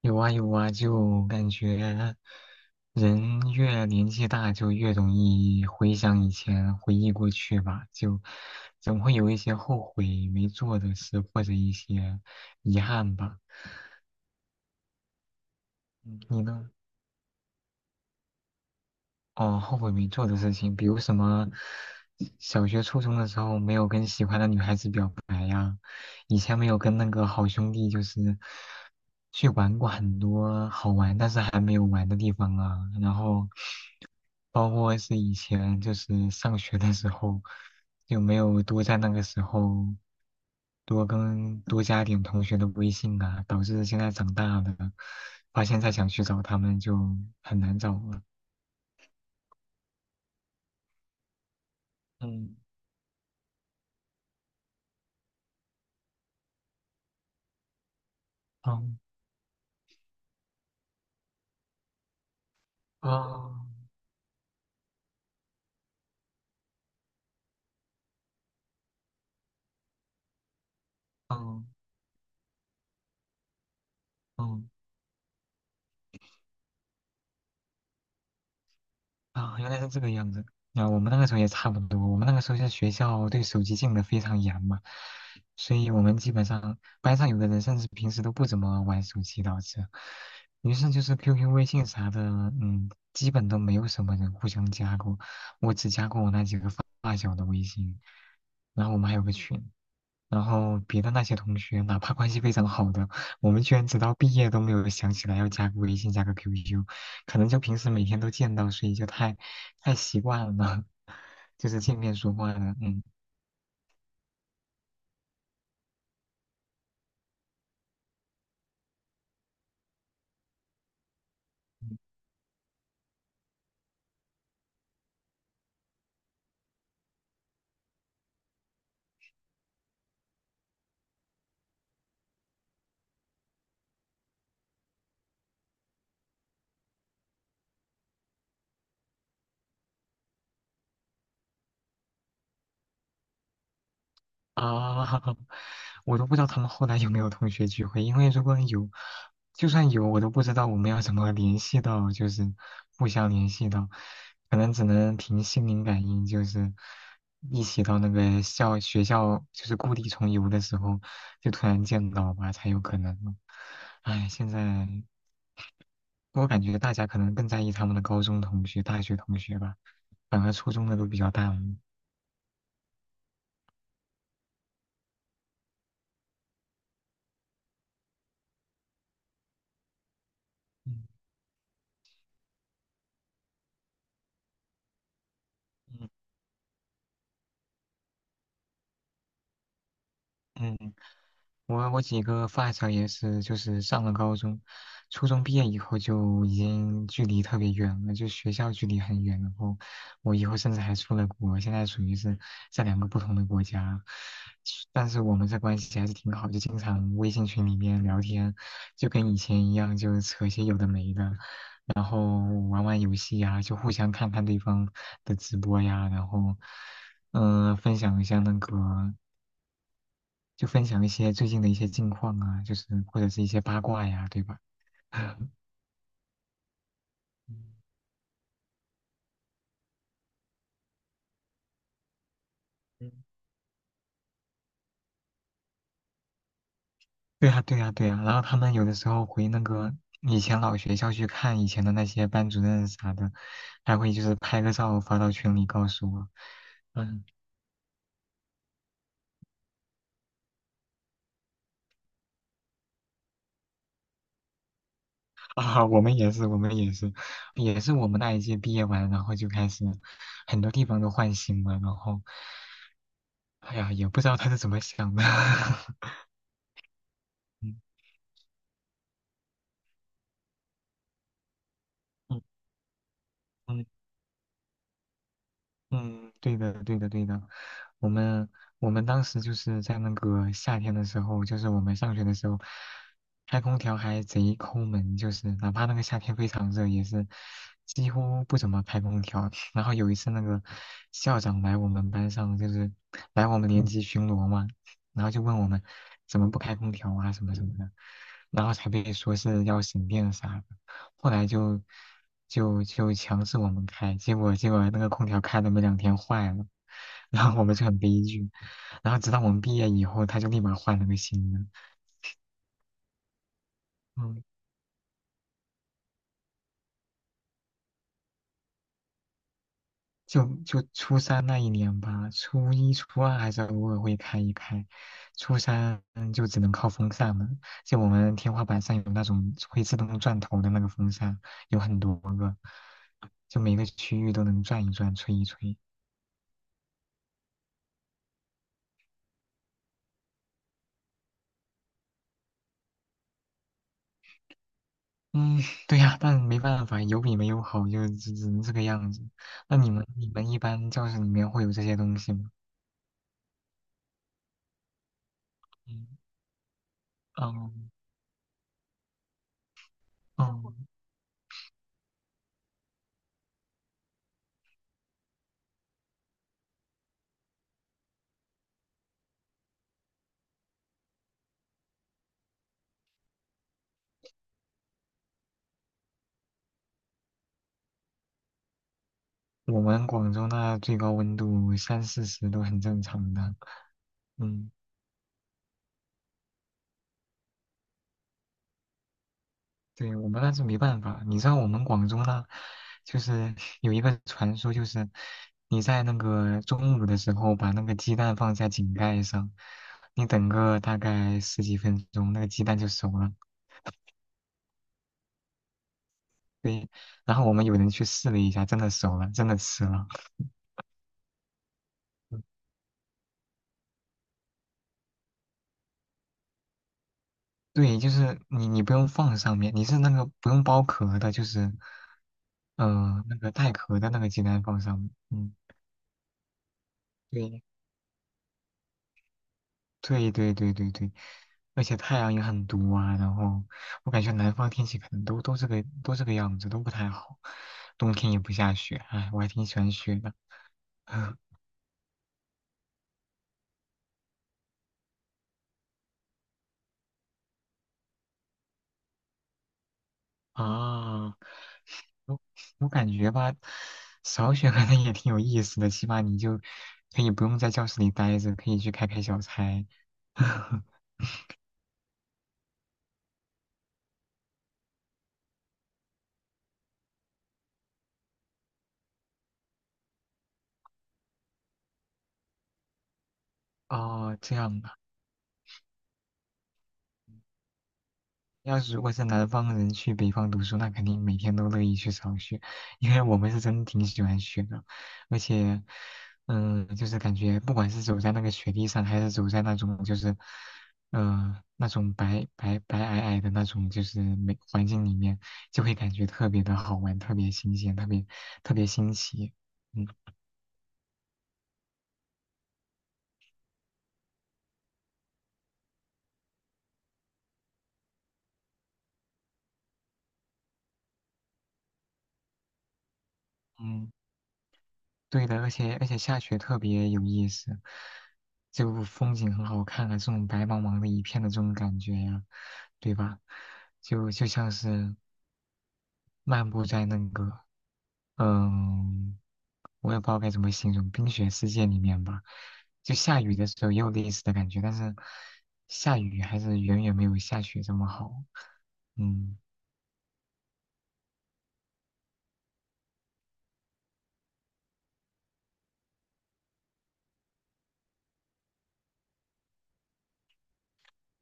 有啊有啊，就感觉人越年纪大，就越容易回想以前，回忆过去吧，就总会有一些后悔没做的事，或者一些遗憾吧。嗯你呢？哦，后悔没做的事情，比如什么小学、初中的时候没有跟喜欢的女孩子表白呀，以前没有跟那个好兄弟就是去玩过很多好玩但是还没有玩的地方啊，然后包括是以前就是上学的时候就没有多在那个时候多跟多加点同学的微信啊，导致现在长大了，发现再想去找他们就很难找了。嗯。哦哦，哦哦啊，原来是这个样子。啊，我们那个时候也差不多，我们那个时候在学校对手机禁的非常严嘛，所以我们基本上班上有的人甚至平时都不怎么玩手机导致，于是就是 QQ、微信啥的，嗯，基本都没有什么人互相加过，我只加过我那几个发发小的微信，然后我们还有个群。然后别的那些同学，哪怕关系非常好的，我们居然直到毕业都没有想起来要加个微信、加个 QQ,可能就平时每天都见到，所以就太习惯了，就是见面说话了，嗯。啊，我都不知道他们后来有没有同学聚会，因为如果有，就算有，我都不知道我们要怎么联系到，就是互相联系到，可能只能凭心灵感应，就是一起到那个学校，就是故地重游的时候，就突然见到吧，才有可能。唉，现在我感觉大家可能更在意他们的高中同学、大学同学吧，反而初中的都比较淡了嗯嗯嗯。我几个发小也是，就是上了高中，初中毕业以后就已经距离特别远了，就学校距离很远。然后我以后甚至还出了国，现在属于是在两个不同的国家，但是我们这关系还是挺好，就经常微信群里面聊天，就跟以前一样，就扯些有的没的，然后玩玩游戏呀，就互相看看对方的直播呀，然后分享一下那个。就分享一些最近的一些近况啊，就是或者是一些八卦呀，对吧？嗯对呀，对呀，对呀。然后他们有的时候回那个以前老学校去看以前的那些班主任啥的，还会就是拍个照发到群里告诉我。嗯 啊，我们也是，我们也是，也是我们那一届毕业完，然后就开始很多地方都换新了，然后，哎呀，也不知道他是怎么想的。嗯嗯嗯，嗯对的，对的，对的。我们我们当时就是在那个夏天的时候，就是我们上学的时候，开空调还贼抠门，就是哪怕那个夏天非常热，也是几乎不怎么开空调。然后有一次那个校长来我们班上，就是来我们年级巡逻嘛，然后就问我们怎么不开空调啊什么什么的，然后才被说是要省电啥的。后来就就强制我们开，结果那个空调开了没两天坏了，然后我们就很悲剧，然后直到我们毕业以后，他就立马换了个新的，嗯，就初三那一年吧，初一初二还是偶尔会开一开，初三嗯就只能靠风扇了，就我们天花板上有那种会自动转头的那个风扇，有很多个，就每个区域都能转一转，吹一吹。嗯，对呀，但没办法，有比没有好，就只能这个样子。那你们你们一般教室里面会有这些东西吗？嗯嗯嗯，我们广州那最高温度三四十都很正常的。嗯，对，我们那是没办法。你知道我们广州那，就是有一个传说，就是你在那个中午的时候把那个鸡蛋放在井盖上，你等个大概十几分钟，那个鸡蛋就熟了。对，然后我们有人去试了一下，真的熟了，真的吃了。对，就是你你不用放上面，你是那个不用剥壳的，就是那个带壳的那个鸡蛋放上面。嗯，对对对对对对，而且太阳也很毒啊，然后我感觉南方天气可能都这个都这个样子，都不太好。冬天也不下雪，哎，我还挺喜欢雪的。啊，我我感觉吧，少选可能也挺有意思的，起码你就可以不用在教室里待着，可以去开开小差。哦，这样，要是如果是南方人去北方读书，那肯定每天都乐意去扫雪，因为我们是真挺喜欢雪的，而且，嗯，就是感觉不管是走在那个雪地上，还是走在那种就是，呃，那种白皑皑的那种就是美环境里面，就会感觉特别的好玩，特别新鲜，特别新奇。嗯。嗯。对的，而且下雪特别有意思，就风景很好看啊，这种白茫茫的一片的这种感觉呀、对吧？就像是漫步在那个，嗯，我也不知道该怎么形容，冰雪世界里面吧。就下雨的时候也有类似的感觉，但是下雨还是远远没有下雪这么好。嗯。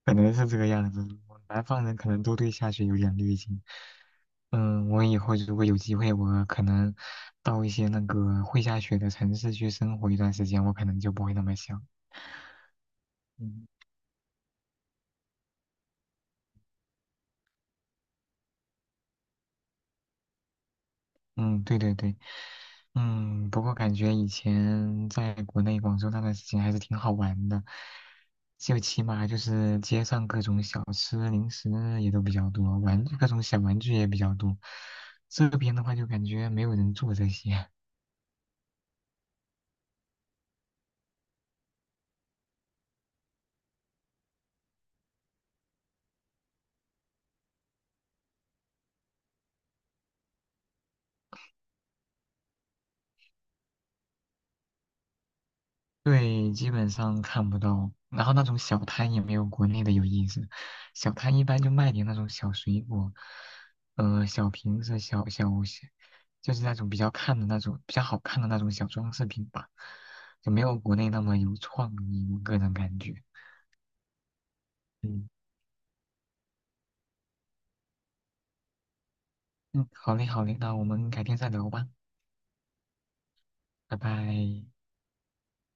可能是这个样子。我南方人可能都对下雪有点滤镜。嗯，我以后如果有机会，我可能到一些那个会下雪的城市去生活一段时间，我可能就不会那么想。嗯嗯，对对对，嗯，不过感觉以前在国内广州那段时间还是挺好玩的，就起码就是街上各种小吃零食也都比较多，玩各种小玩具也比较多。这边的话就感觉没有人做这些，对，基本上看不到。然后那种小摊也没有国内的有意思，小摊一般就卖点那种小水果，呃，小瓶子、小小小，就是那种比较看的那种比较好看的那种小装饰品吧，就没有国内那么有创意，我个人感觉。嗯嗯，好嘞好嘞，那我们改天再聊吧，拜拜。